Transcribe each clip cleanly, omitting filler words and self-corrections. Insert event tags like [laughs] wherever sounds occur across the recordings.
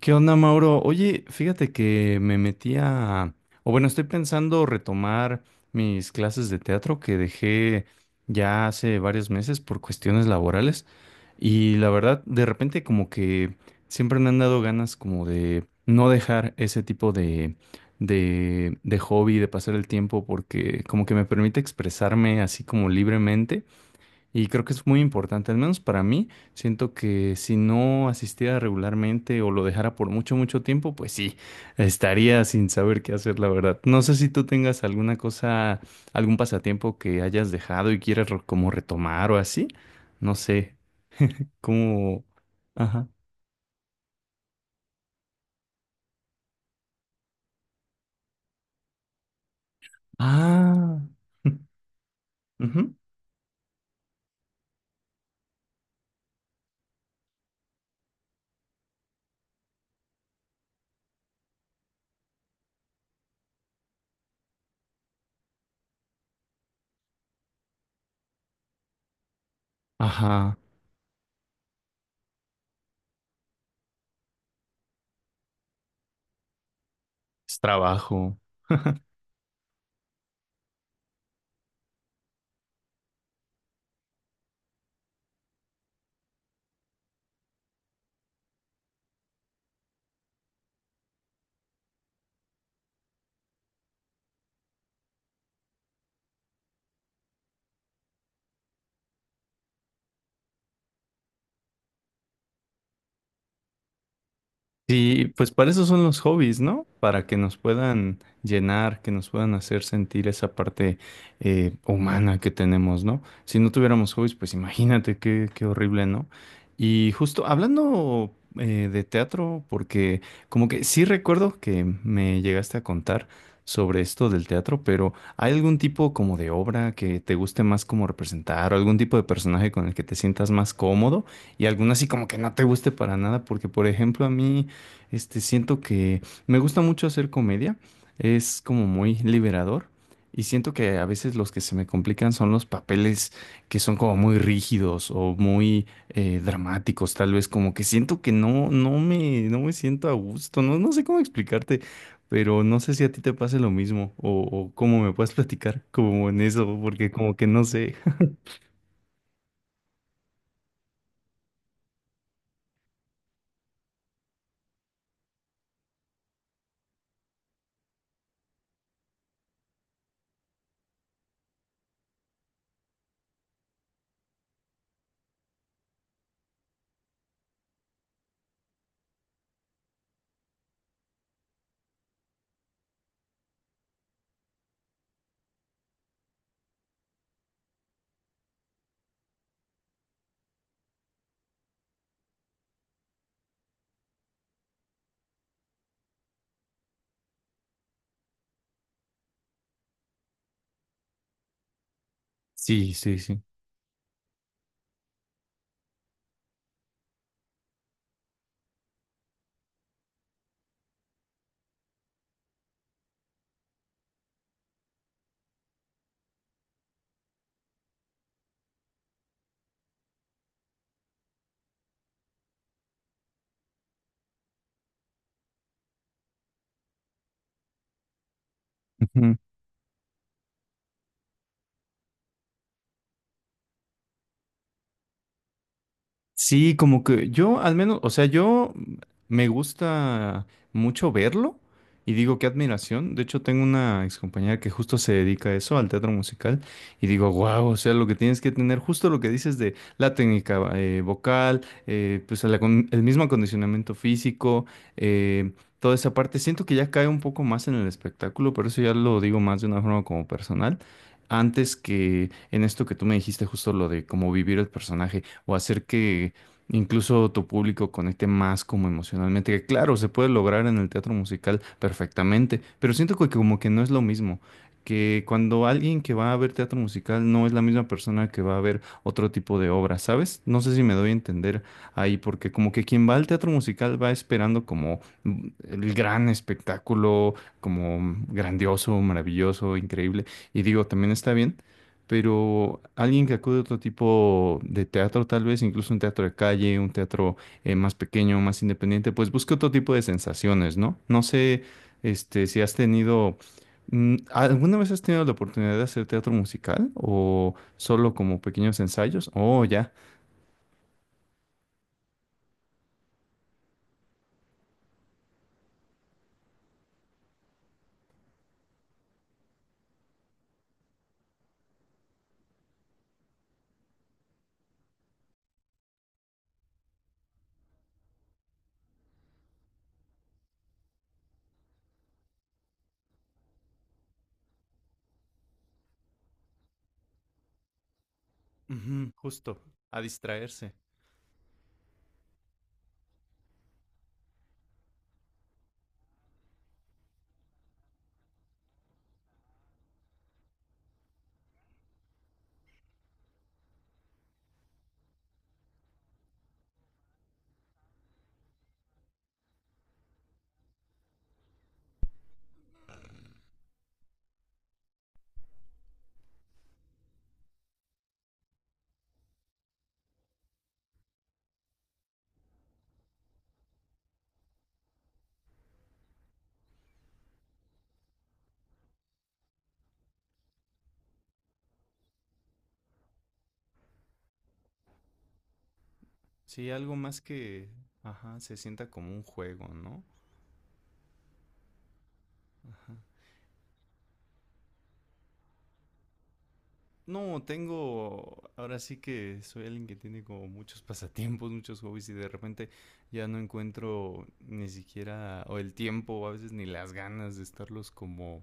¿Qué onda, Mauro? Oye, fíjate que me metí a... O bueno, estoy pensando retomar mis clases de teatro que dejé ya hace varios meses por cuestiones laborales. Y la verdad, de repente como que siempre me han dado ganas como de no dejar ese tipo de hobby, de pasar el tiempo, porque como que me permite expresarme así como libremente. Y creo que es muy importante, al menos para mí, siento que si no asistiera regularmente o lo dejara por mucho, mucho tiempo, pues sí, estaría sin saber qué hacer, la verdad. No sé si tú tengas alguna cosa, algún pasatiempo que hayas dejado y quieras como retomar o así. No sé, como... Ajá. Ah. [laughs] ujú. Ajá. Es trabajo. Sí, pues para eso son los hobbies, ¿no? Para que nos puedan llenar, que nos puedan hacer sentir esa parte humana que tenemos, ¿no? Si no tuviéramos hobbies, pues imagínate qué, qué horrible, ¿no? Y justo hablando de teatro, porque como que sí recuerdo que me llegaste a contar sobre esto del teatro, pero ¿hay algún tipo como de obra que te guste más como representar o algún tipo de personaje con el que te sientas más cómodo y alguna así como que no te guste para nada? Porque, por ejemplo, a mí... Este, siento que me gusta mucho hacer comedia, es como muy liberador y siento que a veces los que se me complican son los papeles que son como muy rígidos o muy dramáticos, tal vez como que siento que no, no me siento a gusto, no, no sé cómo explicarte, pero no sé si a ti te pase lo mismo o cómo me puedes platicar como en eso, porque como que no sé. [laughs] Sí, sí, sí. Sí, como que yo al menos, o sea, yo me gusta mucho verlo y digo qué admiración. De hecho, tengo una excompañera que justo se dedica a eso, al teatro musical, y digo, wow, o sea, lo que tienes que tener, justo lo que dices de la técnica vocal, pues el, el mismo acondicionamiento físico, eh, toda esa parte. Siento que ya cae un poco más en el espectáculo, pero eso ya lo digo más de una forma como personal. Antes que en esto que tú me dijiste, justo lo de cómo vivir el personaje o hacer que incluso tu público conecte más como emocionalmente. Que claro, se puede lograr en el teatro musical perfectamente, pero siento que como que no es lo mismo. Que cuando alguien que va a ver teatro musical no es la misma persona que va a ver otro tipo de obra, ¿sabes? No sé si me doy a entender ahí, porque como que quien va al teatro musical va esperando como el gran espectáculo, como grandioso, maravilloso, increíble, y digo, también está bien, pero alguien que acude a otro tipo de teatro, tal vez incluso un teatro de calle, un teatro más pequeño, más independiente, pues busca otro tipo de sensaciones, ¿no? No sé, este, si has tenido, ¿alguna vez has tenido la oportunidad de hacer teatro musical o solo como pequeños ensayos? Oh, ya. Ujú, justo, a distraerse. Sí, algo más que, ajá, se sienta como un juego, ¿no? No, tengo, ahora sí que soy alguien que tiene como muchos pasatiempos, muchos hobbies y de repente ya no encuentro ni siquiera o el tiempo o a veces ni las ganas de estarlos como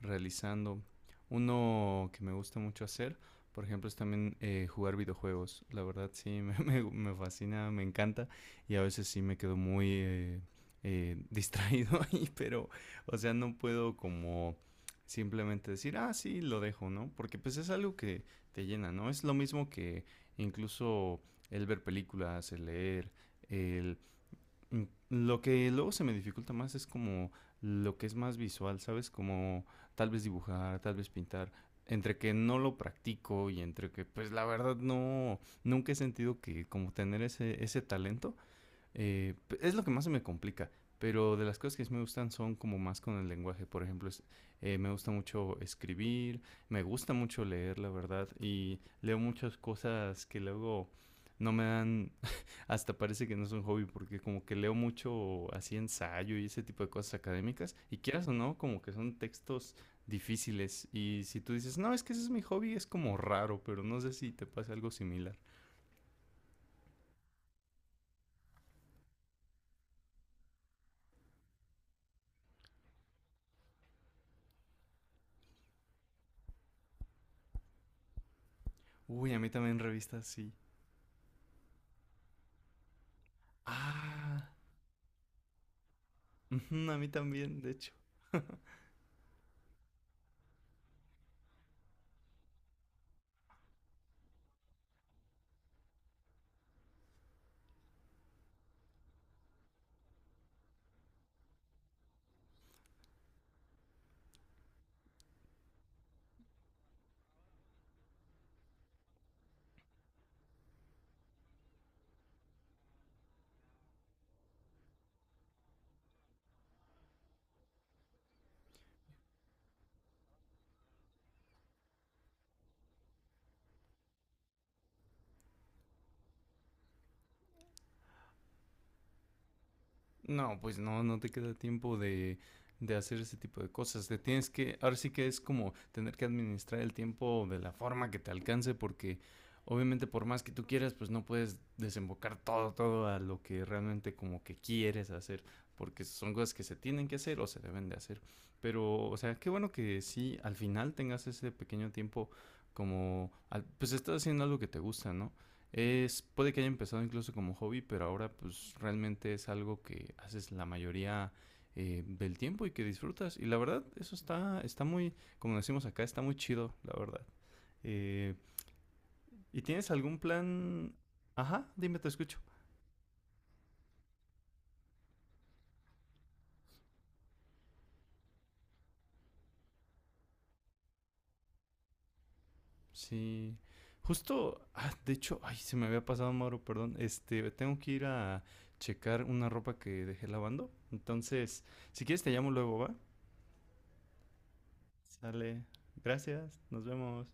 realizando. Uno que me gusta mucho hacer, por ejemplo, es también jugar videojuegos. La verdad sí, [laughs] me fascina, me encanta y a veces sí me quedo muy distraído [laughs] ahí, pero, o sea, no puedo como simplemente decir, ah, sí, lo dejo, ¿no? Porque pues es algo que te llena, ¿no? Es lo mismo que incluso el ver películas, el leer, el... mm, lo que luego se me dificulta más es como lo que es más visual, ¿sabes? Como tal vez dibujar, tal vez pintar. Entre que no lo practico y entre que pues la verdad no, nunca he sentido que como tener ese talento eh, es lo que más se me complica, pero de las cosas que sí me gustan son como más con el lenguaje. Por ejemplo, me gusta mucho escribir, me gusta mucho leer, la verdad, y leo muchas cosas que luego no me dan, [laughs] hasta parece que no es un hobby, porque como que leo mucho así ensayo y ese tipo de cosas académicas, y quieras o no, como que son textos difíciles, y si tú dices, no, es que ese es mi hobby, es como raro, pero no sé si te pasa algo similar. Uy, a mí también revistas sí. Ah. Ujú, a mí también, de hecho. No, pues no, no te queda tiempo de hacer ese tipo de cosas. Te tienes que, ahora sí que es como tener que administrar el tiempo de la forma que te alcance, porque obviamente por más que tú quieras, pues no puedes desembocar todo, todo a lo que realmente como que quieres hacer, porque son cosas que se tienen que hacer o se deben de hacer. Pero, o sea, qué bueno que sí, al final tengas ese pequeño tiempo como, al- pues estás haciendo algo que te gusta, ¿no? Es, puede que haya empezado incluso como hobby, pero ahora pues realmente es algo que haces la mayoría del tiempo y que disfrutas. Y la verdad, eso está, está muy, como decimos acá, está muy chido, la verdad. Eh, ¿Y tienes algún plan? Ajá, dime, te escucho. Sí. Justo, ah, de hecho, ay, se me había pasado, Mauro, perdón. Este, tengo que ir a checar una ropa que dejé lavando. Entonces, si quieres te llamo luego, ¿va? Sale. Gracias, nos vemos.